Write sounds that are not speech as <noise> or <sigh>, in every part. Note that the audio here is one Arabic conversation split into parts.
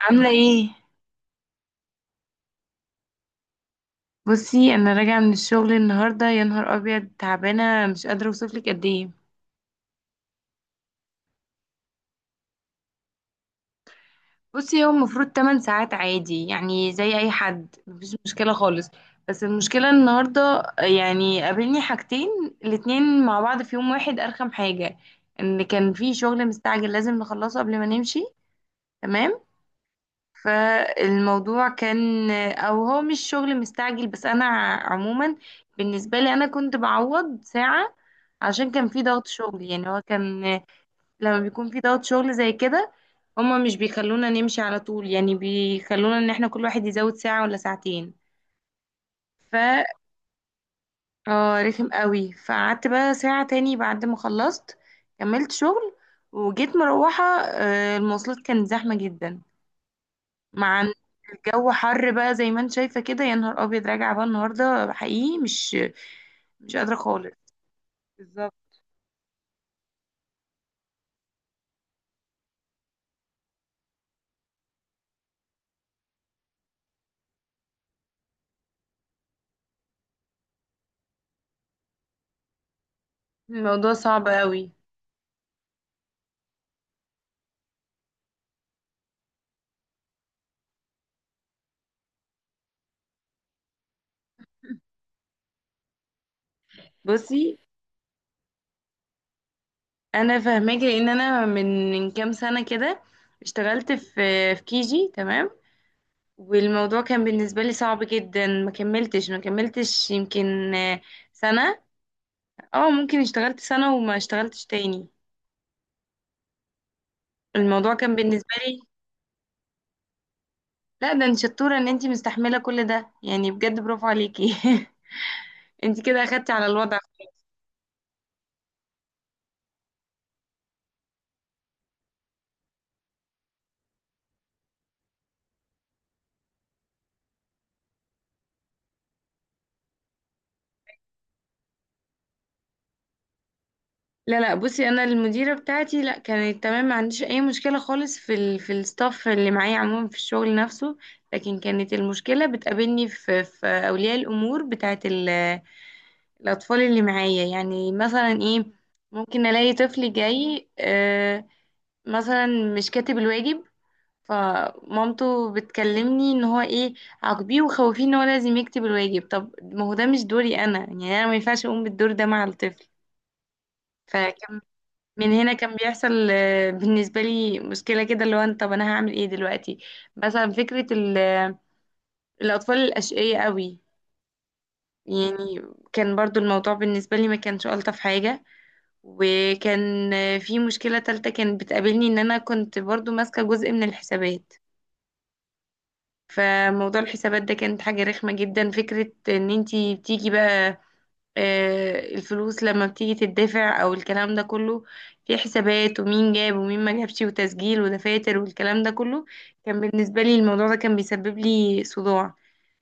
عاملة ايه؟ بصي، انا راجعة من الشغل النهاردة، يا نهار ابيض، تعبانة مش قادرة اوصفلك قد ايه. بصي هو المفروض 8 ساعات عادي، يعني زي اي حد، مفيش مشكلة خالص. بس المشكلة النهاردة، يعني قابلني حاجتين الاتنين مع بعض في يوم واحد، ارخم حاجة ان كان في شغل مستعجل لازم نخلصه قبل ما نمشي. تمام. فالموضوع كان، او هو مش شغل مستعجل بس انا عموما بالنسبه لي انا كنت بعوض ساعه عشان كان في ضغط شغل. يعني هو كان، لما بيكون في ضغط شغل زي كده هما مش بيخلونا نمشي على طول، يعني بيخلونا ان احنا كل واحد يزود ساعه ولا ساعتين. ف اه، رخم قوي. فقعدت بقى ساعه تاني بعد ما خلصت، كملت شغل، وجيت مروحه. المواصلات كانت زحمه جدا، مع إن الجو حر بقى زي ما انت شايفة كده. يا نهار ابيض، راجعة بقى النهاردة حقيقي مش قادرة خالص. بالظبط. الموضوع صعب قوي. بصي انا فاهماكي، لان انا من كام سنة كده اشتغلت في كيجي. تمام. والموضوع كان بالنسبة لي صعب جدا. ما كملتش يمكن سنة. اه، ممكن اشتغلت سنة وما اشتغلتش تاني. الموضوع كان بالنسبة لي. لا، ده انت شطورة ان انت مستحملة كل ده يعني، بجد برافو عليكي. <laughs> انت كده اخدتي على الوضع. لا لا، بصي انا المديره بتاعتي لا، كانت تمام، ما عنديش اي مشكله خالص في في الستاف اللي معايا عموما، في الشغل نفسه. لكن كانت المشكله بتقابلني في اولياء الامور بتاعت الاطفال اللي معايا. يعني مثلا ايه، ممكن الاقي طفل جاي مثلا مش كاتب الواجب. فمامته بتكلمني ان هو ايه، عاقبيه وخوفيه ان هو لازم يكتب الواجب. طب ما هو ده مش دوري انا، يعني انا ما ينفعش اقوم بالدور ده مع الطفل. فكان من هنا كان بيحصل بالنسبة لي مشكلة كده، اللي هو طب أنا هعمل إيه دلوقتي. مثلا فكرة الأطفال الأشقية قوي. يعني كان برضو الموضوع بالنسبة لي ما كانش ألطف حاجة. وكان في مشكلة تالتة كانت بتقابلني إن أنا كنت برضو ماسكة جزء من الحسابات. فموضوع الحسابات ده كانت حاجة رخمة جدا، فكرة إن انتي بتيجي بقى الفلوس لما بتيجي تدفع او الكلام ده كله، في حسابات ومين جاب ومين ما جابش وتسجيل ودفاتر والكلام ده كله. كان بالنسبة لي الموضوع ده كان بيسبب لي صداع.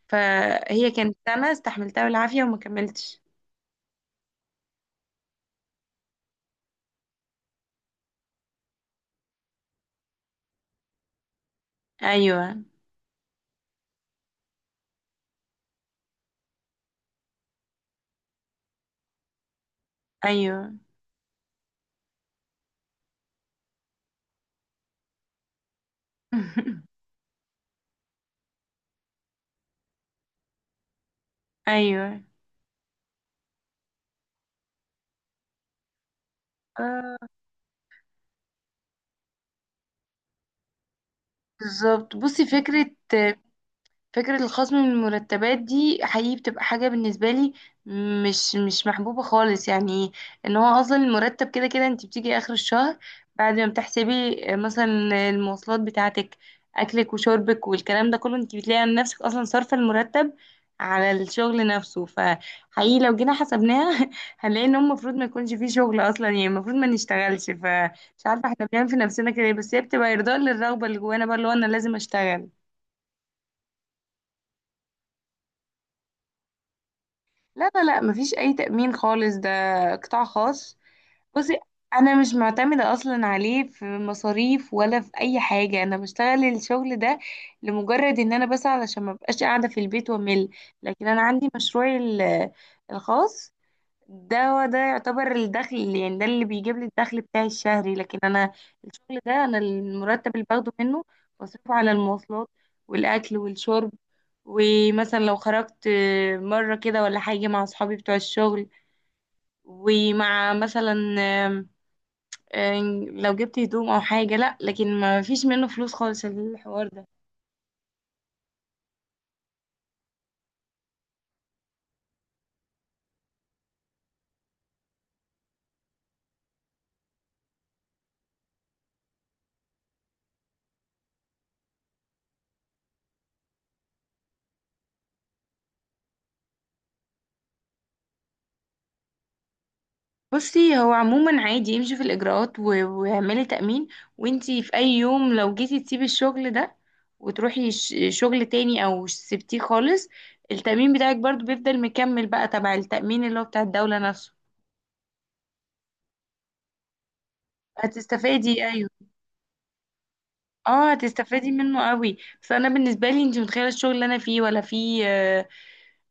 فهي كانت سنة استحملتها بالعافية وما كملتش. ايوه، ايوه. <laughs> ايوه، آه، بالظبط. بصي فكرة الخصم من المرتبات دي حقيقي بتبقى حاجة بالنسبة لي مش محبوبة خالص. يعني ان هو اصلا المرتب كده كده، انت بتيجي اخر الشهر بعد ما بتحسبي مثلا المواصلات بتاعتك، اكلك وشربك والكلام ده كله، انت بتلاقي عن نفسك اصلا صارفة المرتب على الشغل نفسه. فحقيقي لو جينا حسبناها <laughs> هنلاقي ان هو المفروض ما يكونش فيه شغل اصلا، يعني المفروض ما نشتغلش. فمش عارفة احنا بنعمل في نفسنا كده إيه، بس هي بتبقى ارضاء للرغبة اللي جوانا بقى، اللي هو انا لازم اشتغل. لا لا لا، مفيش اي تأمين خالص، ده قطاع خاص. بصي انا مش معتمدة اصلا عليه في مصاريف ولا في اي حاجة. انا بشتغل الشغل ده لمجرد ان انا بس علشان ما بقاش قاعدة في البيت وامل. لكن انا عندي مشروعي الخاص، ده هو ده يعتبر الدخل، يعني ده اللي بيجيب لي الدخل بتاعي الشهري. لكن انا الشغل ده انا المرتب اللي باخده منه بصرفه على المواصلات والاكل والشرب، ومثلا لو خرجت مره كده ولا حاجه مع اصحابي بتوع الشغل، ومع مثلا آم، آم، لو جبت هدوم او حاجه. لا، لكن ما فيش منه فلوس خالص الحوار ده. بصي هو عموما عادي، يمشي في الإجراءات واعملي تأمين. وانتي في أي يوم لو جيتي تسيبي الشغل ده وتروحي شغل تاني أو سبتيه خالص، التأمين بتاعك برضو بيفضل مكمل بقى تبع التأمين اللي هو بتاع الدولة نفسه. هتستفادي أيوه. اه، هتستفادي منه قوي. بس أنا بالنسبة لي، انتي متخيلة الشغل اللي أنا فيه ولا فيه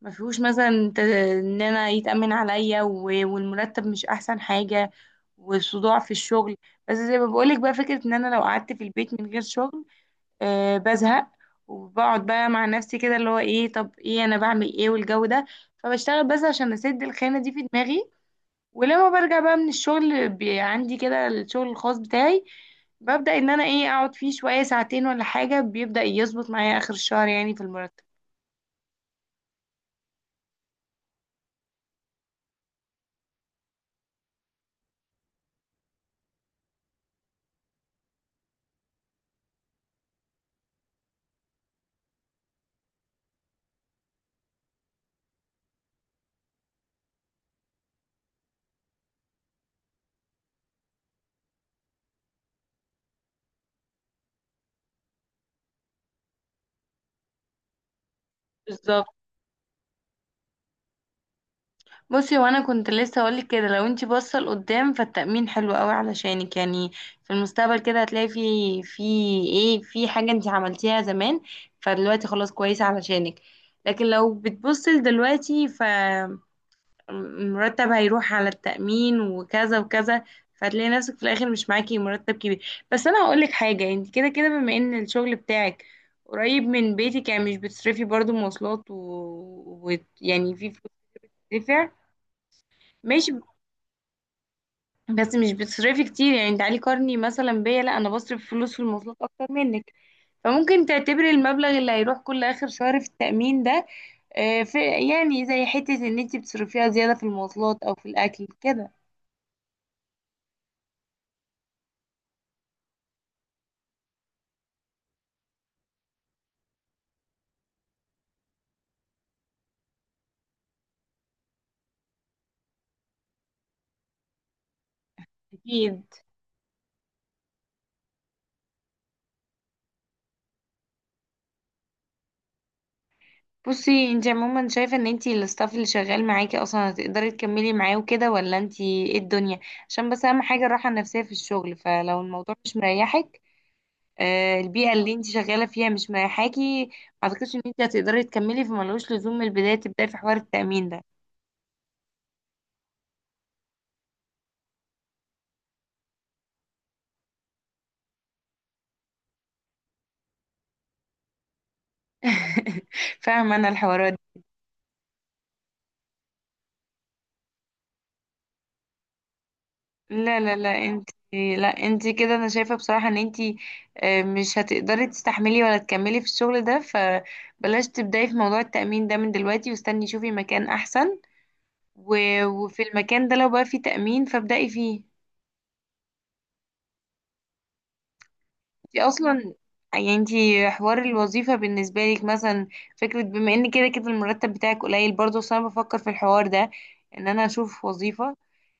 ما فيهوش مثلا ان انا يتأمن عليا والمرتب مش احسن حاجة، وصداع في الشغل. بس زي ما بقولك بقى، فكرة ان انا لو قعدت في البيت من غير شغل بزهق، وبقعد بقى مع نفسي كده اللي هو ايه، طب ايه انا بعمل ايه والجو ده. فبشتغل بس عشان اسد الخانة دي في دماغي. ولما برجع بقى من الشغل عندي كده الشغل الخاص بتاعي، ببدأ ان انا ايه اقعد فيه شوية ساعتين ولا حاجة. بيبدأ يظبط معايا اخر الشهر يعني في المرتب. بصي وانا كنت لسه هقولك كده، لو انتي باصه لقدام فالتأمين حلو قوي علشانك، يعني في المستقبل كده هتلاقي في في ايه، في حاجه انتي عملتيها زمان، فدلوقتي خلاص كويسه علشانك. لكن لو بتبصي لدلوقتي فالمرتب هيروح على التأمين وكذا وكذا، فهتلاقي نفسك في الاخر مش معاكي مرتب كبير. بس انا هقولك حاجه، انت كده كده بما ان الشغل بتاعك قريب من بيتك، يعني مش بتصرفي برضو مواصلات يعني في فلوس بتدفع. ماشي، بس مش بتصرفي كتير، يعني تعالي قارني مثلا بيا، لا انا بصرف فلوس في المواصلات اكتر منك. فممكن تعتبري المبلغ اللي هيروح كل اخر شهر في التأمين ده آه، في يعني زي حتة ان انت بتصرفيها زيادة في المواصلات او في الاكل كده. اكيد. بصي انت عموما شايفة ان انت الستاف اللي شغال معاكي اصلا هتقدري تكملي معاه وكده ولا انت، ايه الدنيا عشان بس اهم حاجة الراحة النفسية في الشغل. فلو الموضوع مش مريحك، البيئة اللي انت شغالة فيها مش مريحاكي، ما اعتقدش ان انت هتقدري تكملي، فملوش لزوم من البداية تبداي في حوار التأمين ده. <laughs> فاهمة انا الحوارات دي. لا لا لا، انت كده انا شايفة بصراحة ان انت مش هتقدري تستحملي ولا تكملي في الشغل ده، فبلاش تبداي في موضوع التأمين ده من دلوقتي. واستني شوفي مكان احسن و... وفي المكان ده لو بقى فيه تأمين فابدأي فيه. دي اصلا، يعني انتي حوار الوظيفة بالنسبة لك مثلا، فكرة بما ان كده كده المرتب بتاعك قليل برضه، بس انا بفكر في الحوار ده، ان انا اشوف وظيفة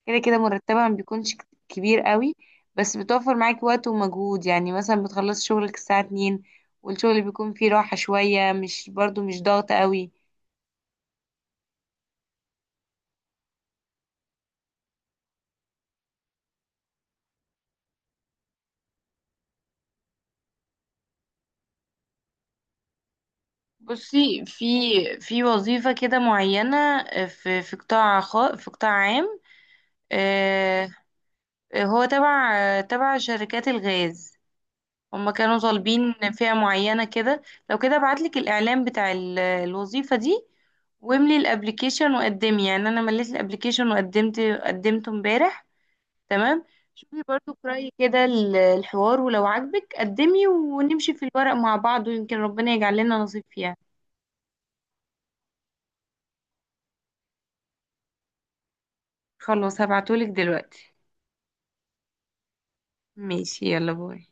كده كده مرتبها ما بيكونش كبير قوي، بس بتوفر معاكي وقت ومجهود، يعني مثلا بتخلصي شغلك الساعة 2 والشغل بيكون فيه راحة شوية، مش برضه مش ضغط قوي. بصي في وظيفة كده معينة، في قطاع خاص، في قطاع عام. آه، هو تبع شركات الغاز، هما كانوا طالبين فئة معينة كده. لو كده ابعتلك الإعلان بتاع الوظيفة دي، واملي الابليكيشن وقدمي. يعني انا مليت الابليكيشن وقدمت قدمته امبارح. تمام. شوفي برضو في رأيي كده الحوار، ولو عجبك قدمي ونمشي في الورق مع بعض، ويمكن ربنا يجعل لنا نصيب فيها. خلاص هبعتهولك دلوقتي. ماشي، يلا باي.